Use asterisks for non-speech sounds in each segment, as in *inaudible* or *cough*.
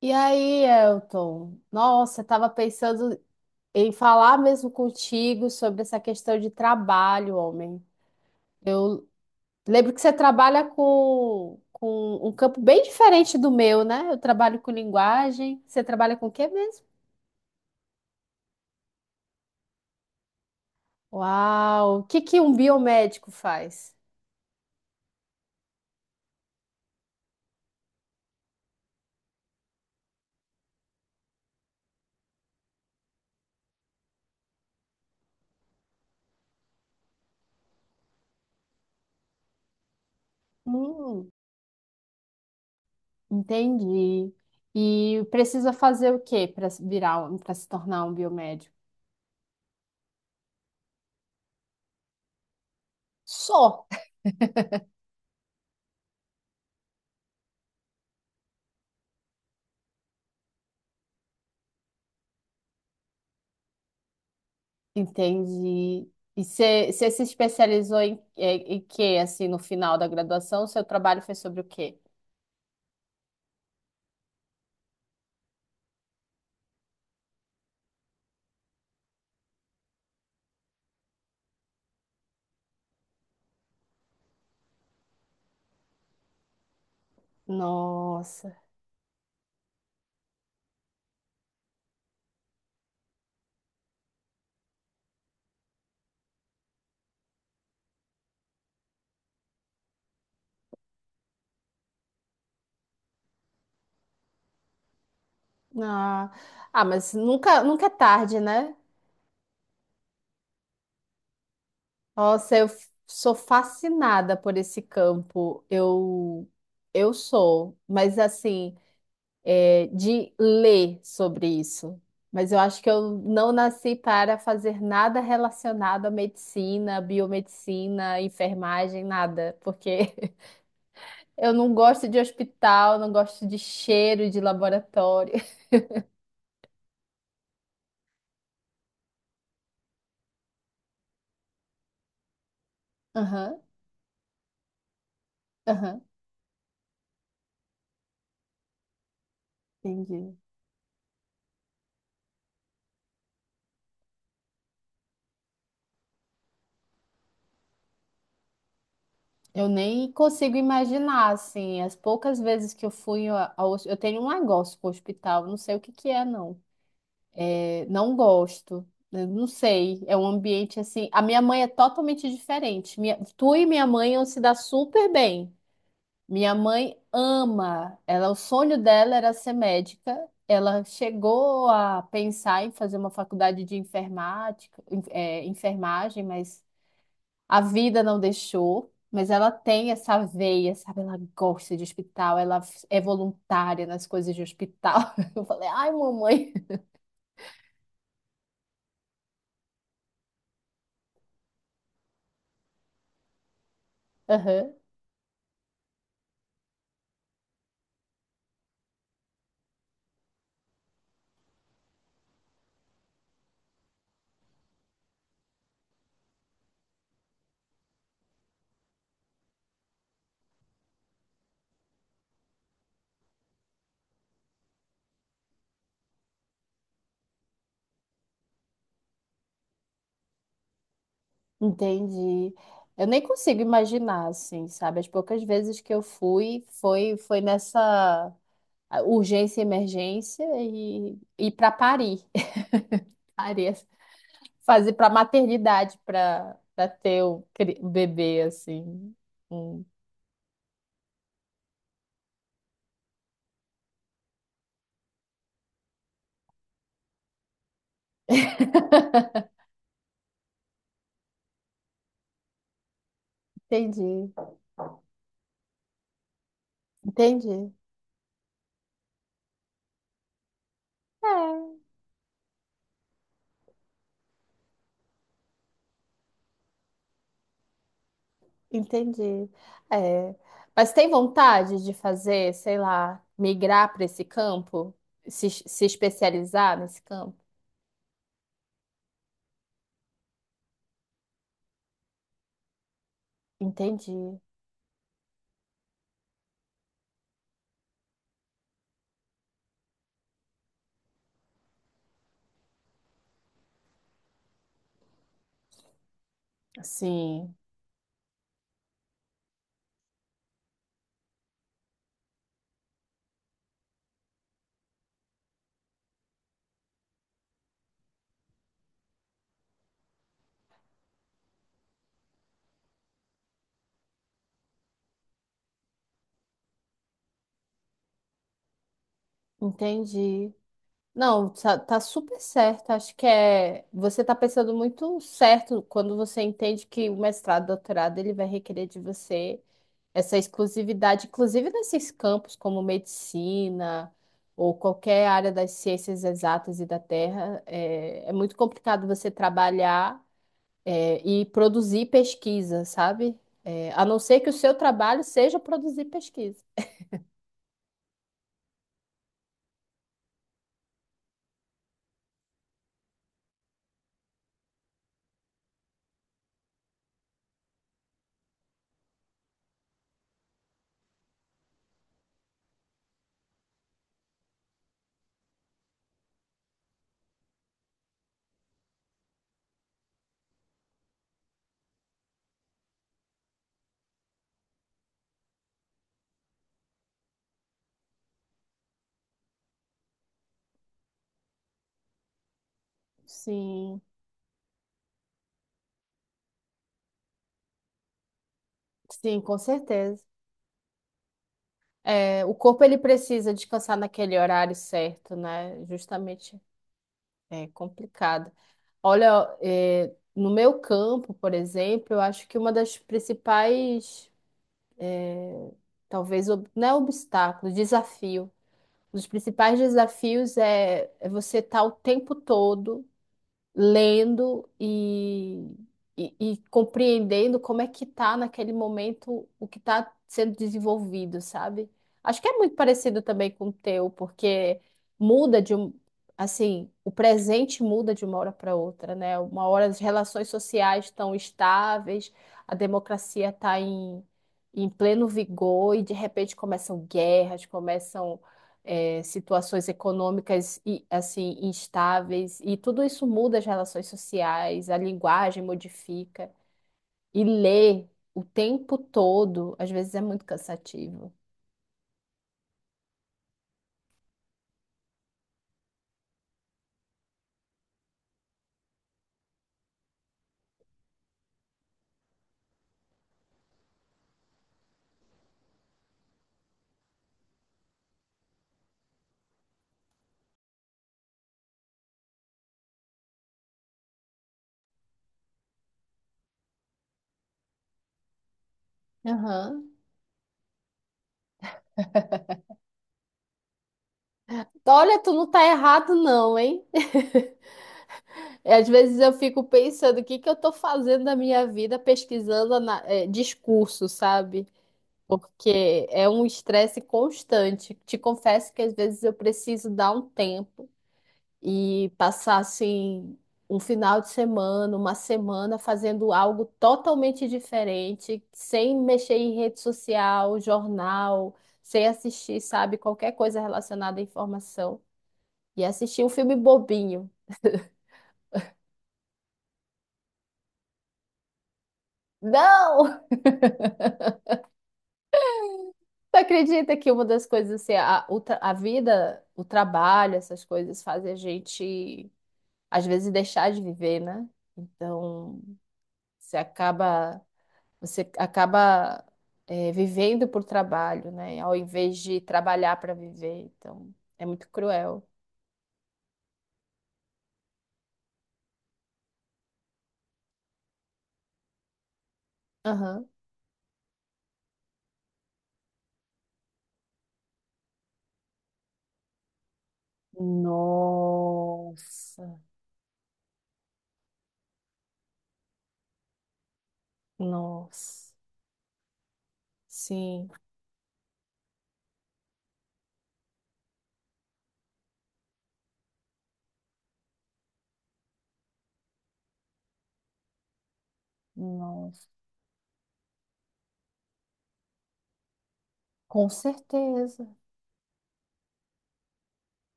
E aí, Elton? Nossa, eu tava pensando em falar mesmo contigo sobre essa questão de trabalho, homem. Eu lembro que você trabalha com um campo bem diferente do meu, né? Eu trabalho com linguagem. Você trabalha com o quê mesmo? Uau! O que que um biomédico faz? Hum, entendi. E precisa fazer o quê para virar, para se tornar um biomédico? Só. Entendi. E você se especializou em quê, assim, no final da graduação? O seu trabalho foi sobre o quê? Nossa. Ah, ah, mas nunca é tarde, né? Nossa, sou fascinada por esse campo. Eu sou, mas assim, é, de ler sobre isso. Mas eu acho que eu não nasci para fazer nada relacionado à medicina, biomedicina, enfermagem, nada, porque eu não gosto de hospital, não gosto de cheiro de laboratório. *laughs* Aham, aham, entendi. Eu nem consigo imaginar, assim, as poucas vezes que eu fui eu tenho um negócio com o hospital, não sei o que que é, não. É, não gosto, né, não sei. É um ambiente, assim, a minha mãe é totalmente diferente. Minha... Tu e minha mãe, iam se dar super bem. Minha mãe ama, ela, o sonho dela era ser médica. Ela chegou a pensar em fazer uma faculdade de enfermagem, mas a vida não deixou. Mas ela tem essa veia, sabe? Ela gosta de hospital, é voluntária nas coisas de hospital. *laughs* Eu falei, ai, mamãe. Aham, entendi. Eu nem consigo imaginar, assim, sabe? As poucas vezes que eu fui, foi nessa a urgência e emergência e ir para parir. *laughs* Parir, fazer para maternidade, para ter o bebê assim. Hum, Entendi, entendi. É, entendi. É. Mas tem vontade de fazer, sei lá, migrar para esse campo, se especializar nesse campo? Entendi. Sim, entendi. Não, tá, tá super certo. Acho que é. Você tá pensando muito certo quando você entende que o mestrado, doutorado, ele vai requerer de você essa exclusividade, inclusive nesses campos como medicina ou qualquer área das ciências exatas e da terra. É, é muito complicado você trabalhar, é, e produzir pesquisa, sabe? É, a não ser que o seu trabalho seja produzir pesquisa. Sim, sim, com certeza. É, o corpo ele precisa descansar naquele horário certo, né? Justamente é complicado. Olha, é, no meu campo, por exemplo, eu acho que uma das principais, talvez, não é obstáculo, desafio. Um dos principais desafios é, é você estar o tempo todo lendo e compreendendo como é que tá naquele momento o que está sendo desenvolvido, sabe? Acho que é muito parecido também com o teu, porque muda de um, assim, o presente muda de uma hora para outra, né? Uma hora as relações sociais estão estáveis, a democracia está em pleno vigor e de repente começam guerras, começam é, situações econômicas e assim instáveis e tudo isso muda as relações sociais, a linguagem modifica e ler o tempo todo, às vezes é muito cansativo. Aham. Então, olha, tu não tá errado não, hein? *laughs* Às vezes eu fico pensando o que que eu tô fazendo da minha vida pesquisando discurso, sabe? Porque é um estresse constante. Te confesso que às vezes eu preciso dar um tempo e passassem um final de semana, uma semana fazendo algo totalmente diferente, sem mexer em rede social, jornal, sem assistir, sabe, qualquer coisa relacionada à informação. E assistir um filme bobinho. Não! *laughs* Tu acredita que uma das coisas, a vida, o trabalho, essas coisas fazem a gente, às vezes, deixar de viver, né? Então, você acaba Você acaba, é, vivendo por trabalho, né? Ao invés de trabalhar para viver. Então, é muito cruel. Aham. Nossa, nossa. Sim, nossa. Com certeza.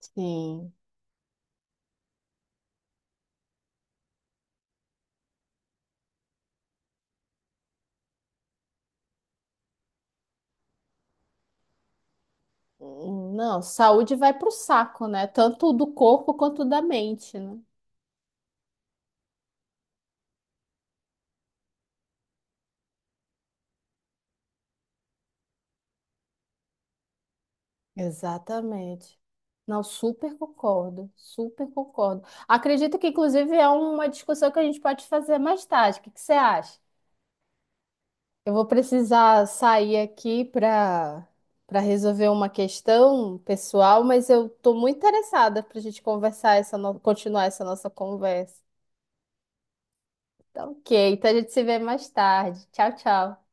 Sim. Não, saúde vai pro saco, né? Tanto do corpo quanto da mente, né? Exatamente. Não, super concordo, super concordo. Acredito que, inclusive, é uma discussão que a gente pode fazer mais tarde. O que que você acha? Eu vou precisar sair aqui para resolver uma questão pessoal, mas eu estou muito interessada para a gente conversar essa no- continuar essa nossa conversa. Tá ok, então a gente se vê mais tarde. Tchau, tchau.